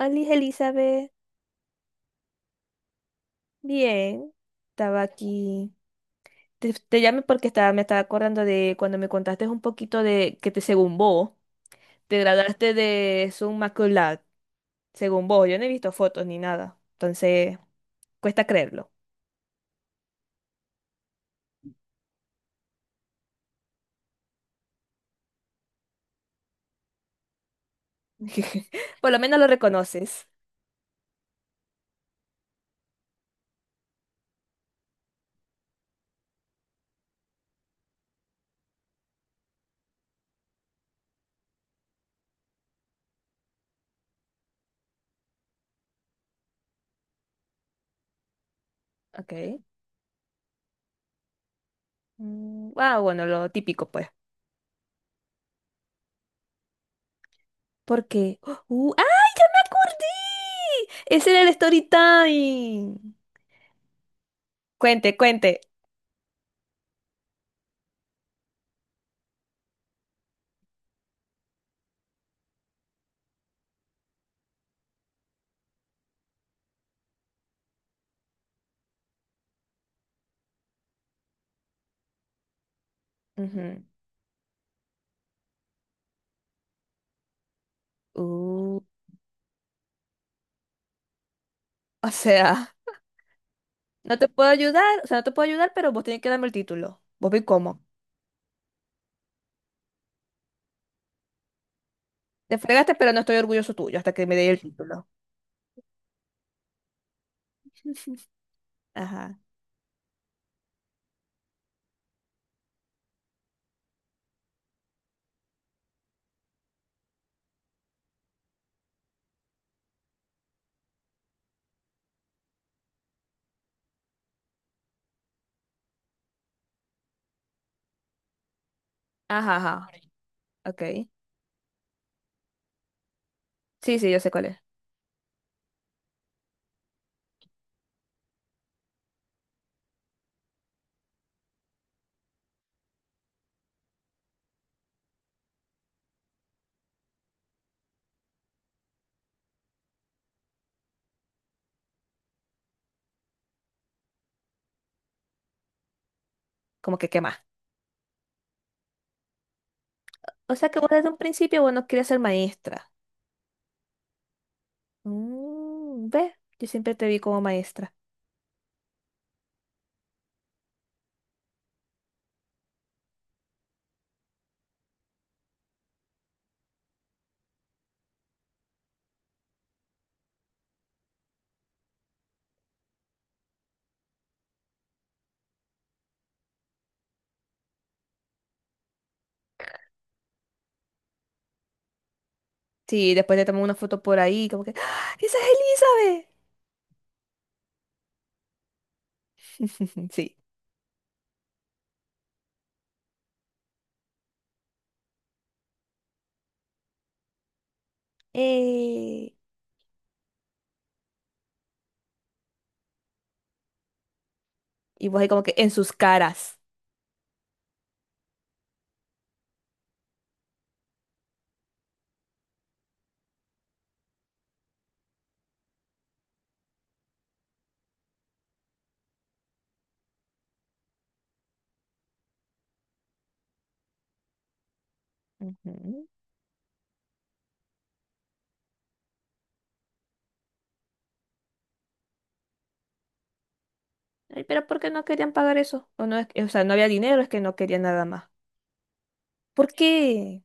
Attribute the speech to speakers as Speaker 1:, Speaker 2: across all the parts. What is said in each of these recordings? Speaker 1: Alice Elizabeth, bien, estaba aquí. Te llamé porque me estaba acordando de cuando me contaste un poquito de que te, según vos, te graduaste de summa cum laude, según vos. Yo no he visto fotos ni nada, entonces cuesta creerlo. Por lo menos lo reconoces. Ok. Mm, ah, bueno, lo típico, pues. Porque. ¡Uh! ¡Ay, ya me acordé! Ese era el story time. Cuente, cuente. Ujú. Uh, o sea. No te puedo ayudar, o sea, no te puedo ayudar, pero vos tenés que darme el título. Vos vi cómo. Te fregaste, pero no estoy orgulloso tuyo hasta que me dé el título. Ajá. Ajá, ajá. Ok. Sí, sí, yo sé cuál es. Como que qué más. O sea que vos desde un principio vos no querías ser maestra. Mm, ¿ves? Yo siempre te vi como maestra. Sí, después te tomé una foto por ahí, como que, ¡Ah! ¡Esa es Elizabeth! Sí. Eh, Y vos ahí como que en sus caras. Ujú. Ay, pero ¿por qué no querían pagar eso? O, no es o sea, no había dinero, es que no querían nada más. ¿Por qué?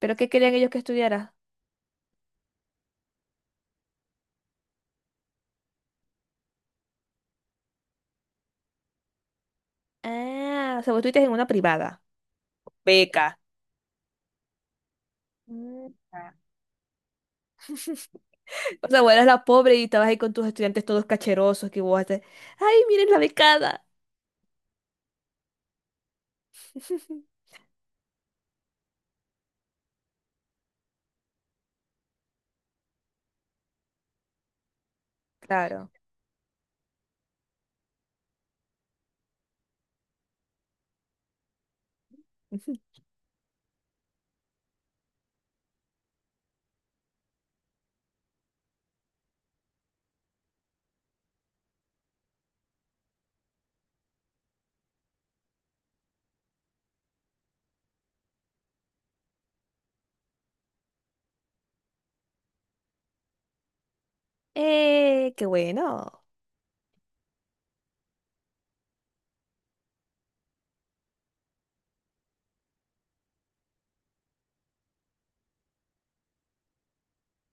Speaker 1: ¿Pero qué querían ellos que estudiara? Ah, o sea, vos estuviste en una privada. Beca. Mm. Ah. O sea, vos eras la pobre y estabas ahí con tus estudiantes todos cacherosos que vos haces. ¡Ay, miren la becada! Claro. Qué bueno.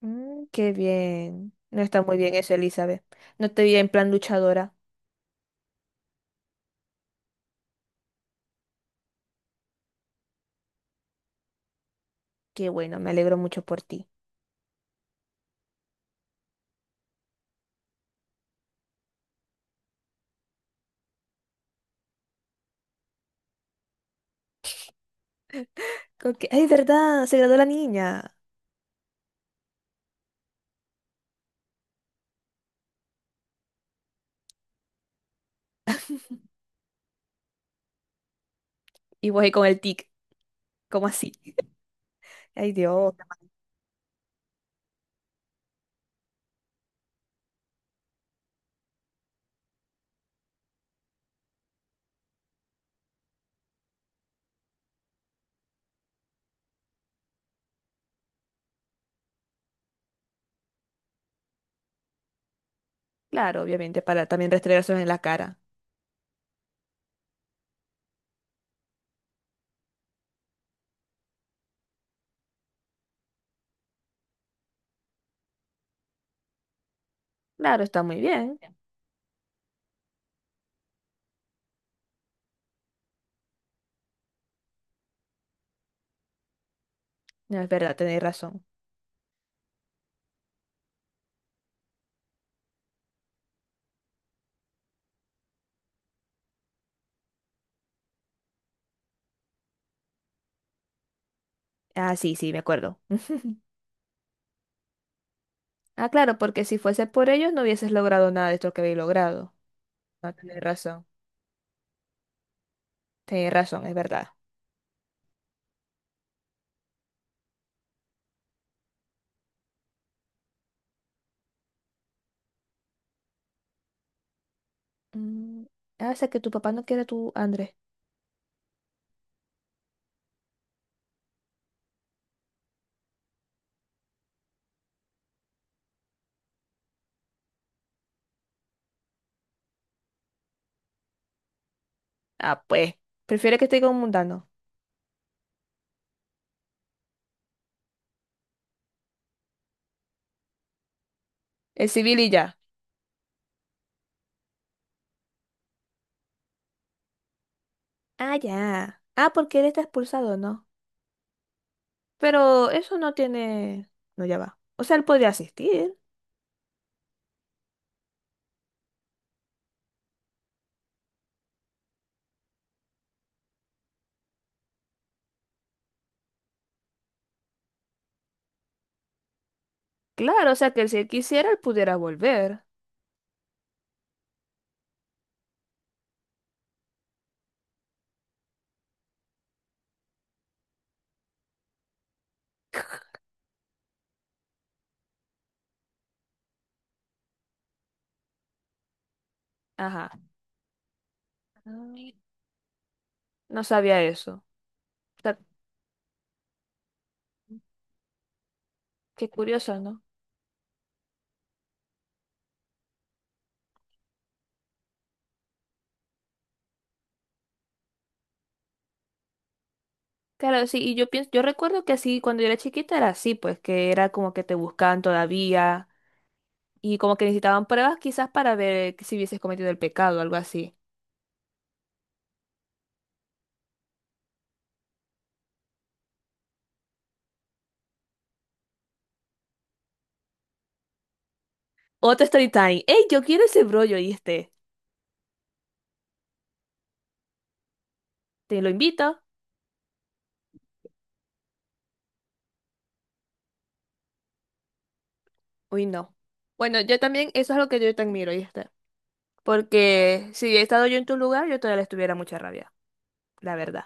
Speaker 1: Mm, qué bien. No está muy bien eso, Elizabeth. No te vi en plan luchadora. Qué bueno, me alegro mucho por ti. Como que, ay, verdad, se graduó la niña. Y voy ahí con el tic. ¿Cómo así? Ay, Dios. Claro, obviamente, para también restregárselos en la cara. Claro, está muy bien. No es verdad, tenéis razón. Ah, sí, sí, me acuerdo. Ah, claro, porque si fuese por ellos no hubieses logrado nada de esto que habéis logrado. No, tenéis razón. Tenéis razón, es verdad. Mm, ah, o sea que tu papá no quiere a tu Andrés. Ah, pues. Prefiere que esté con un mundano. El civil y ya. Ah, ya. Ah, porque él está expulsado, ¿no? Pero eso no tiene... No, ya va. O sea, él podría asistir. Claro, o sea que si él quisiera, él pudiera volver. Ajá. Ay. No sabía eso. O sea, qué curioso, ¿no? Claro, sí, y yo pienso, yo recuerdo que así cuando yo era chiquita era así, pues que era como que te buscaban todavía y como que necesitaban pruebas quizás para ver que si hubieses cometido el pecado o algo así. Otro story time. ¡Ey, yo quiero ese brollo y este! Te lo invito. Uy, no. Bueno, yo también, eso es lo que yo te admiro, y está. Porque si he estado yo en tu lugar, yo todavía les tuviera mucha rabia, la verdad.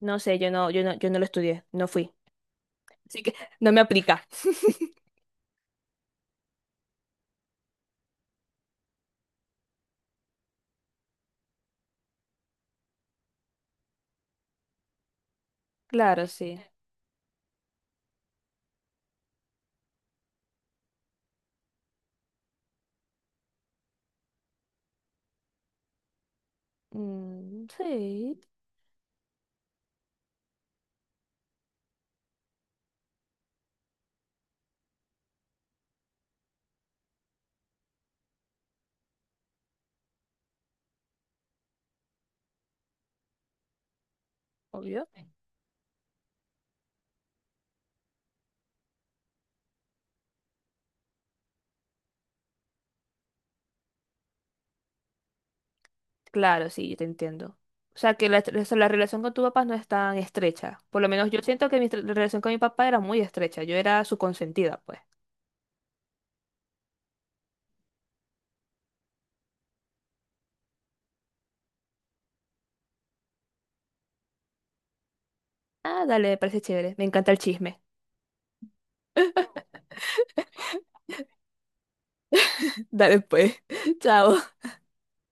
Speaker 1: No sé, yo no lo estudié, no fui. Así que no me aplica. Claro, sí. Mm, sí, obvio. Claro, sí, yo te entiendo. O sea, que la, o sea, la relación con tu papá no es tan estrecha. Por lo menos yo siento que mi relación con mi papá era muy estrecha. Yo era su consentida, pues. Ah, dale, me parece chévere. Me encanta el chisme. Dale, pues. Chao.